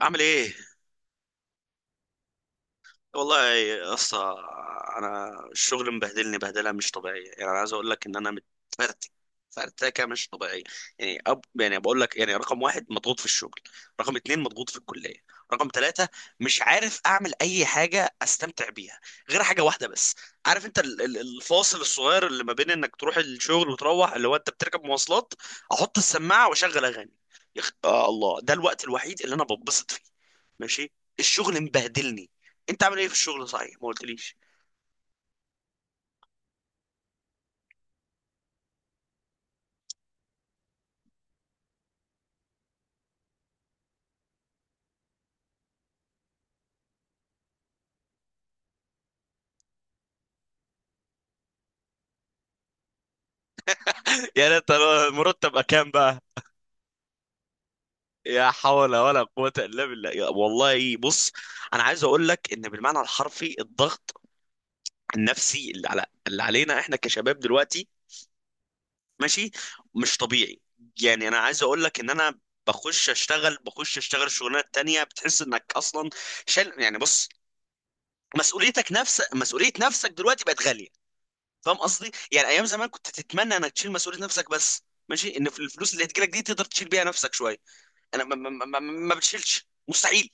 عامل ايه؟ والله يا اسطى، انا الشغل مبهدلني بهدله مش طبيعيه. يعني انا عايز اقول لك ان انا متفرتك، فرتكه مش طبيعيه. يعني أب يعني بقول لك، يعني رقم واحد مضغوط في الشغل، رقم اتنين مضغوط في الكليه، رقم ثلاثة مش عارف اعمل اي حاجه استمتع بيها غير حاجه واحده بس. عارف انت الفاصل الصغير اللي ما بين انك تروح الشغل وتروح، اللي هو انت بتركب مواصلات، احط السماعه واشغل اغاني. آه الله ده الوقت الوحيد اللي انا ببسط فيه. ماشي، الشغل مبهدلني. انت عامل ايه في الشغل صحيح؟ ما قلتليش. يعني انت مرتب كام بقى؟ يا حول ولا قوة الا بالله، يا والله بص، انا عايز اقول لك ان بالمعنى الحرفي الضغط النفسي اللي على، اللي علينا احنا كشباب دلوقتي، ماشي، مش طبيعي. يعني انا عايز اقول لك ان انا بخش اشتغل، بخش اشتغل شغلانات تانية، بتحس انك اصلا شل. يعني بص، مسؤوليتك نفس مسؤولية نفسك دلوقتي بقت غالية. فاهم قصدي؟ يعني ايام زمان كنت تتمنى انك تشيل مسؤوليه نفسك بس، ماشي، ان في الفلوس اللي هتجيلك دي تقدر تشيل بيها نفسك شويه. انا ما بتشيلش مستحيل.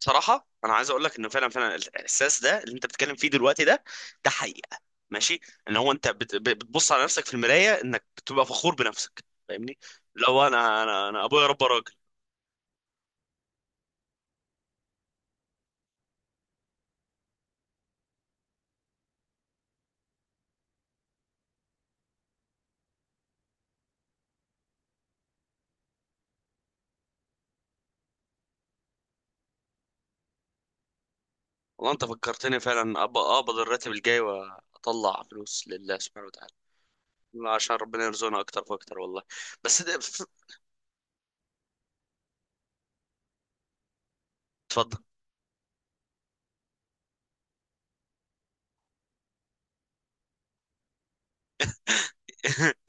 بصراحه انا عايز اقول لك انه فعلا فعلا الاحساس ده اللي انت بتتكلم فيه دلوقتي ده، ده حقيقه. ماشي، ان هو انت بتبص على نفسك في المرايه انك بتبقى فخور بنفسك. فاهمني؟ لو انا ابويا ربى راجل. والله انت فكرتني فعلا، اقبض الراتب الجاي واطلع فلوس لله سبحانه وتعالى، عشان ربنا يرزقنا اكتر فاكتر والله. بس ده-. اتفضل.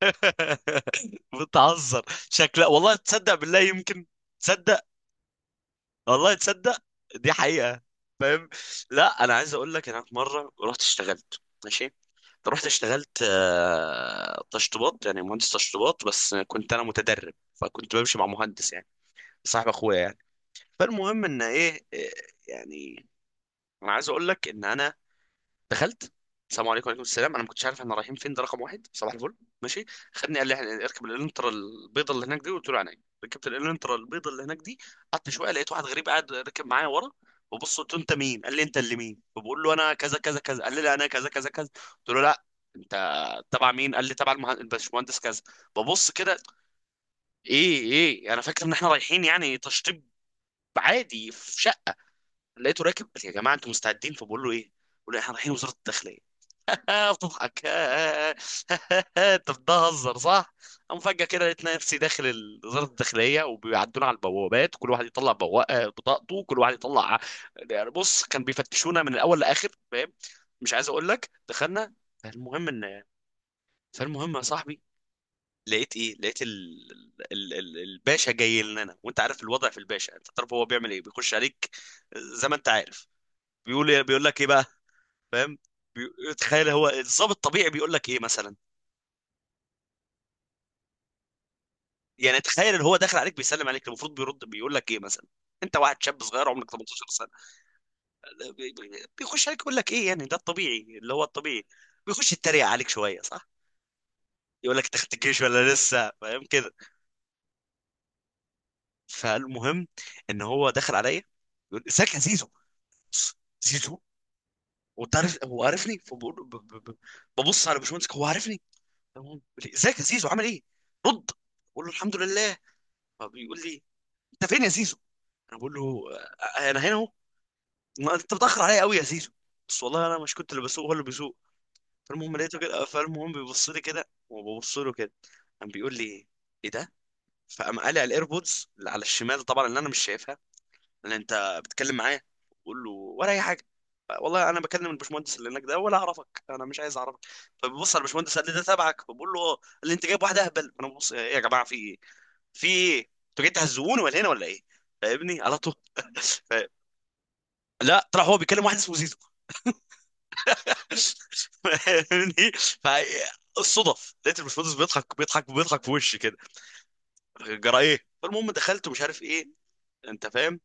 بتهزر شكلها، والله تصدق بالله يمكن، تصدق، والله تصدق، دي حقيقة. فاهم؟ لا انا عايز اقول لك، انا في مرة رحت اشتغلت، ماشي، رحت اشتغلت تشطيبات، يعني مهندس تشطيبات، بس كنت انا متدرب، فكنت بمشي مع مهندس، يعني صاحب اخويا يعني. فالمهم ان ايه إيه، يعني انا عايز اقول لك ان انا دخلت. السلام عليكم، وعليكم السلام. انا ما كنتش عارف احنا رايحين فين، ده رقم واحد. صباح الفل، ماشي، خدني. قال لي احنا اركب الالنترا البيضه اللي هناك دي، قلت له عينيا. ركبت الالنترا البيضه اللي هناك دي، قعدت شويه، لقيت واحد غريب قاعد ركب معايا ورا. وبص قلت له انت مين، قال لي انت اللي مين؟ فبقول له انا كذا كذا كذا، قال لي لا انا كذا كذا كذا. قلت له لا، انت تبع مين؟ قال لي تبع الباشمهندس كذا. ببص كده، ايه ايه؟ انا فاكر ان احنا رايحين يعني تشطيب عادي في شقه، لقيته راكب. قلت يا جماعه انتوا مستعدين؟ فبقول له ايه، بقول له احنا رايحين وزاره الداخليه. بتضحك؟ انت بتهزر صح؟ قام فجأة كده لقيت نفسي داخل وزارة الداخلية، وبيعدونا على البوابات، كل واحد يطلع بواقة بطاقته، كل واحد يطلع يعني، بص كان بيفتشونا من الأول لآخر. فاهم؟ مش عايز أقول لك، دخلنا. فالمهم إن، فالمهم يا صاحبي لقيت ايه، لقيت الباشا جاي لنا. وانت عارف الوضع في الباشا، انت تعرف هو بيعمل ايه، بيخش عليك زي ما انت عارف، بيقول إيه؟ بيقول لك ايه بقى، فاهم؟ تخيل هو الضابط الطبيعي بيقول لك ايه مثلا، يعني تخيل ان هو داخل عليك بيسلم عليك، المفروض بيرد بيقول لك ايه مثلا، انت واحد شاب صغير عمرك 18 سنه. بيخش عليك يقول لك ايه؟ يعني ده الطبيعي، اللي هو الطبيعي بيخش يتريق عليك شويه، صح؟ يقول لك انت خدت الجيش ولا لسه، فاهم كده؟ فالمهم ان هو داخل عليا، بيقول ازيك يا زيزو. زيزو! وانت عارف هو عارفني، فبقول ببص على باشمهندس، هو عارفني، تمام. بيقول لي ازيك يا زيزو، عامل ايه؟ رد، بقول له الحمد لله. فبيقول لي انت فين يا زيزو؟ انا بقول له انا هنا. ما انت بتأخر عليا قوي يا زيزو. بس والله انا مش كنت اللي بسوق، هو اللي بيسوق. فالمهم لقيته كده، فالمهم بيبص لي كده، وببص له كده. قام بيقول لي ايه ده؟ فقام قالع الايربودز اللي على الشمال، طبعا اللي انا مش شايفها اللي انت بتتكلم معايا. بقول له ولا اي حاجه، والله انا بكلم الباشمهندس اللي هناك ده، ولا اعرفك، انا مش عايز اعرفك. فبيبص على الباشمهندس، قال لي ده تبعك؟ فبقول له اه، قال لي انت جايب واحده اهبل. انا ببص، ايه يا جماعه في ايه؟ في ايه؟ انتوا جايين تهزقوني ولا هنا ولا ايه؟ فاهمني على طول. ف- لا، طلع هو بيكلم واحد اسمه زيزو، فاهمني. فالصدف لقيت الباشمهندس بيضحك في وشي كده، جرى ايه؟ فالمهم دخلت ومش عارف ايه، انت فاهم.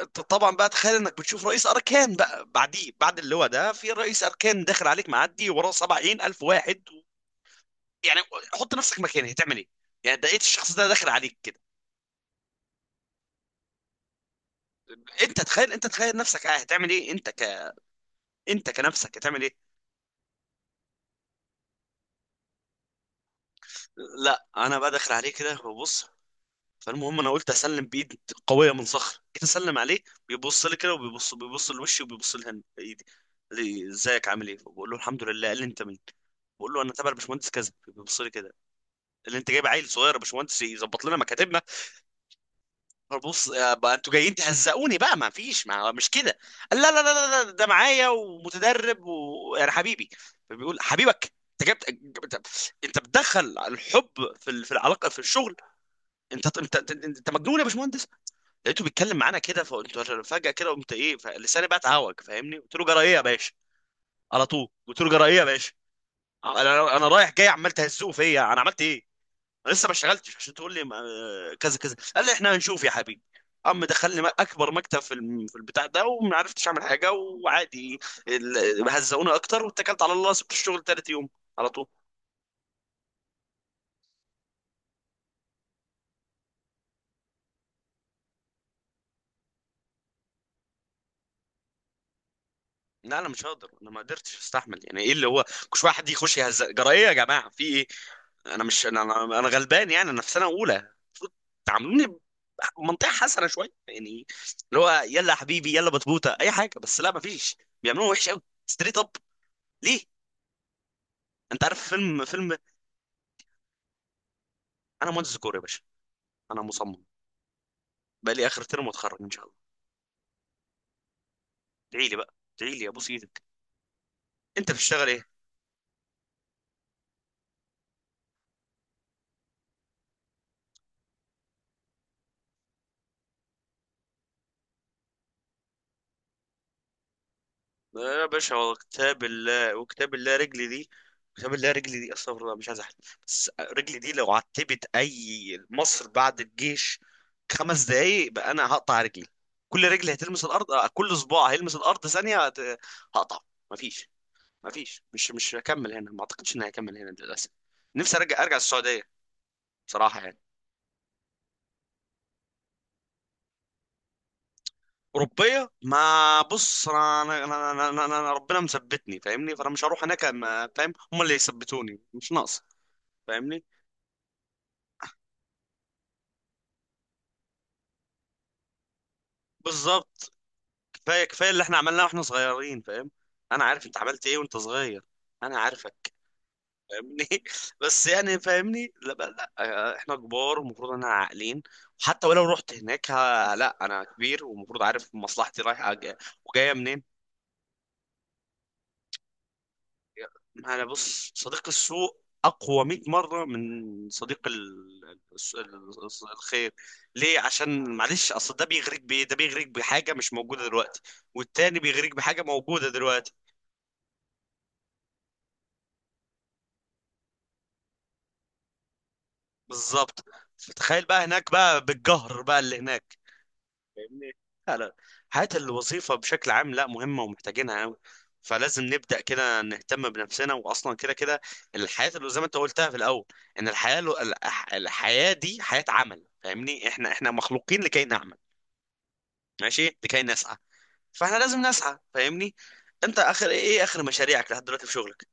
انت طبعا بقى تخيل انك بتشوف رئيس اركان بقى بعديه، بعد اللواء ده في رئيس اركان داخل عليك، معدي وراه 70 الف واحد و... يعني حط نفسك مكانه، هتعمل ايه؟ يعني ده لقيت الشخص ده داخل عليك كده. انت تخيل، انت تخيل نفسك، اه هتعمل ايه؟ انت ك، انت كنفسك هتعمل ايه؟ لا انا بقى داخل عليه كده ببص. فالمهم انا قلت اسلم بايد قويه من صخر، جيت اسلم عليه. بيبص لي كده، وبيبص لوشي، وبيبص لهن ايدي. قال لي ازيك عامل ايه؟ بقول له الحمد لله. قال لي انت مين؟ بقول له انا تبع الباشمهندس كذا. بيبص لي كده، اللي انت جايب عيل صغير يا باشمهندس يظبط لنا مكاتبنا؟ بص بقى انتوا جايين تهزقوني بقى، ما فيش، ما مش كده. قال لا لا لا لا، ده معايا ومتدرب، ويعني حبيبي. فبيقول حبيبك؟ انت انت بتدخل الحب في في العلاقه في الشغل؟ انت انت انت, انت مجنون يا باشمهندس. لقيته بيتكلم معانا كده، فقلت له-. فجأة كده قمت ايه، فلساني بقى اتعوج، فاهمني؟ قلت له جرى ايه يا باشا؟ على طول قلت له جرى ايه يا باشا؟ انا انا رايح جاي عمال تهزقه فيا، انا عملت ايه؟ انا لسه ما اشتغلتش عشان تقول لي كذا كذا. قال لي احنا هنشوف يا حبيبي. عم دخلني اكبر مكتب في في البتاع ده، وما عرفتش اعمل حاجه، وعادي هزقوني اكتر، واتكلت على الله، سبت الشغل تالت يوم على طول. لا انا مش هقدر، انا ما قدرتش استحمل. يعني ايه اللي هو كل شويه حد يخش يهز جرايه، يا جماعه في ايه؟ انا مش انا انا أنا غلبان، يعني انا في سنه اولى، المفروض تعاملوني بمنطقه حسنه شويه. يعني اللي هو يلا يا حبيبي يلا بطبوطه اي حاجه، بس لا، ما فيش، بيعملوها وحش قوي. ستريت اب، ليه؟ انت عارف فيلم فيلم. انا مهندس ديكور يا باشا، انا مصمم، بقى لي اخر ترم واتخرج ان شاء الله. ادعي لي بقى، ادعي لي يا ابو سيدك. انت بتشتغل ايه؟ لا يا باشا، هو كتاب الله وكتاب الله رجلي دي، كتاب الله رجلي دي، استغفر الله مش عايز احلف، بس رجلي دي لو عتبت اي مصر بعد الجيش 5 دقايق بقى، انا هقطع رجلي. كل رجل هتلمس الارض، كل صباع هيلمس الارض ثانيه هقطع. مفيش، مفيش، مش هكمل هنا، ما اعتقدش اني هكمل هنا للاسف. نفسي ارجع، ارجع السعوديه، بصراحه يعني. اوروبيه؟ ما بص، انا أنا ربنا مثبتني، فاهمني؟ فانا مش هروح هناك، فاهم؟ هم اللي يثبتوني، مش ناقص. فاهمني؟ بالظبط. كفايه كفايه اللي احنا عملناه واحنا صغيرين، فاهم؟ انا عارف انت عملت ايه وانت صغير، انا عارفك. فاهمني؟ بس يعني فاهمني؟ لا بقى لا، احنا كبار ومفروض انا عاقلين. وحتى ولو رحت هناك ها، لا انا كبير، ومفروض عارف مصلحتي رايحه وجايه منين. ما انا بص، صديق السوء اقوى 100 مره من صديق الخير. ليه؟ عشان معلش، اصل ده بيغريك بايه؟ ده بيغريك بحاجه مش موجوده دلوقتي، والتاني بيغريك بحاجه موجوده دلوقتي. بالظبط. فتخيل بقى هناك بقى بالجهر بقى اللي هناك. فاهمني؟ لا لا، حياة الوظيفة بشكل عام، لا مهمة ومحتاجينها أوي، فلازم نبدأ كده نهتم بنفسنا. وأصلا كده كده الحياة، اللي زي ما أنت قلتها في الأول، إن الحياة الحياة دي حياة عمل، فاهمني؟ إحنا مخلوقين لكي نعمل، ماشي، لكي نسعى. فإحنا لازم نسعى، فاهمني؟ أنت آخر إيه، آخر مشاريعك لحد دلوقتي في شغلك؟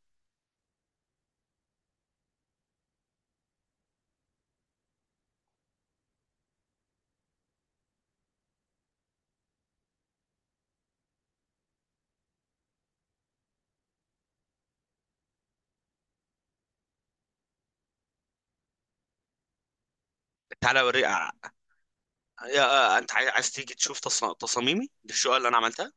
تعالى أوريك. يا-، أنت عايز تيجي تشوف تصاميمي دي، الشقة اللي أنا عملتها؟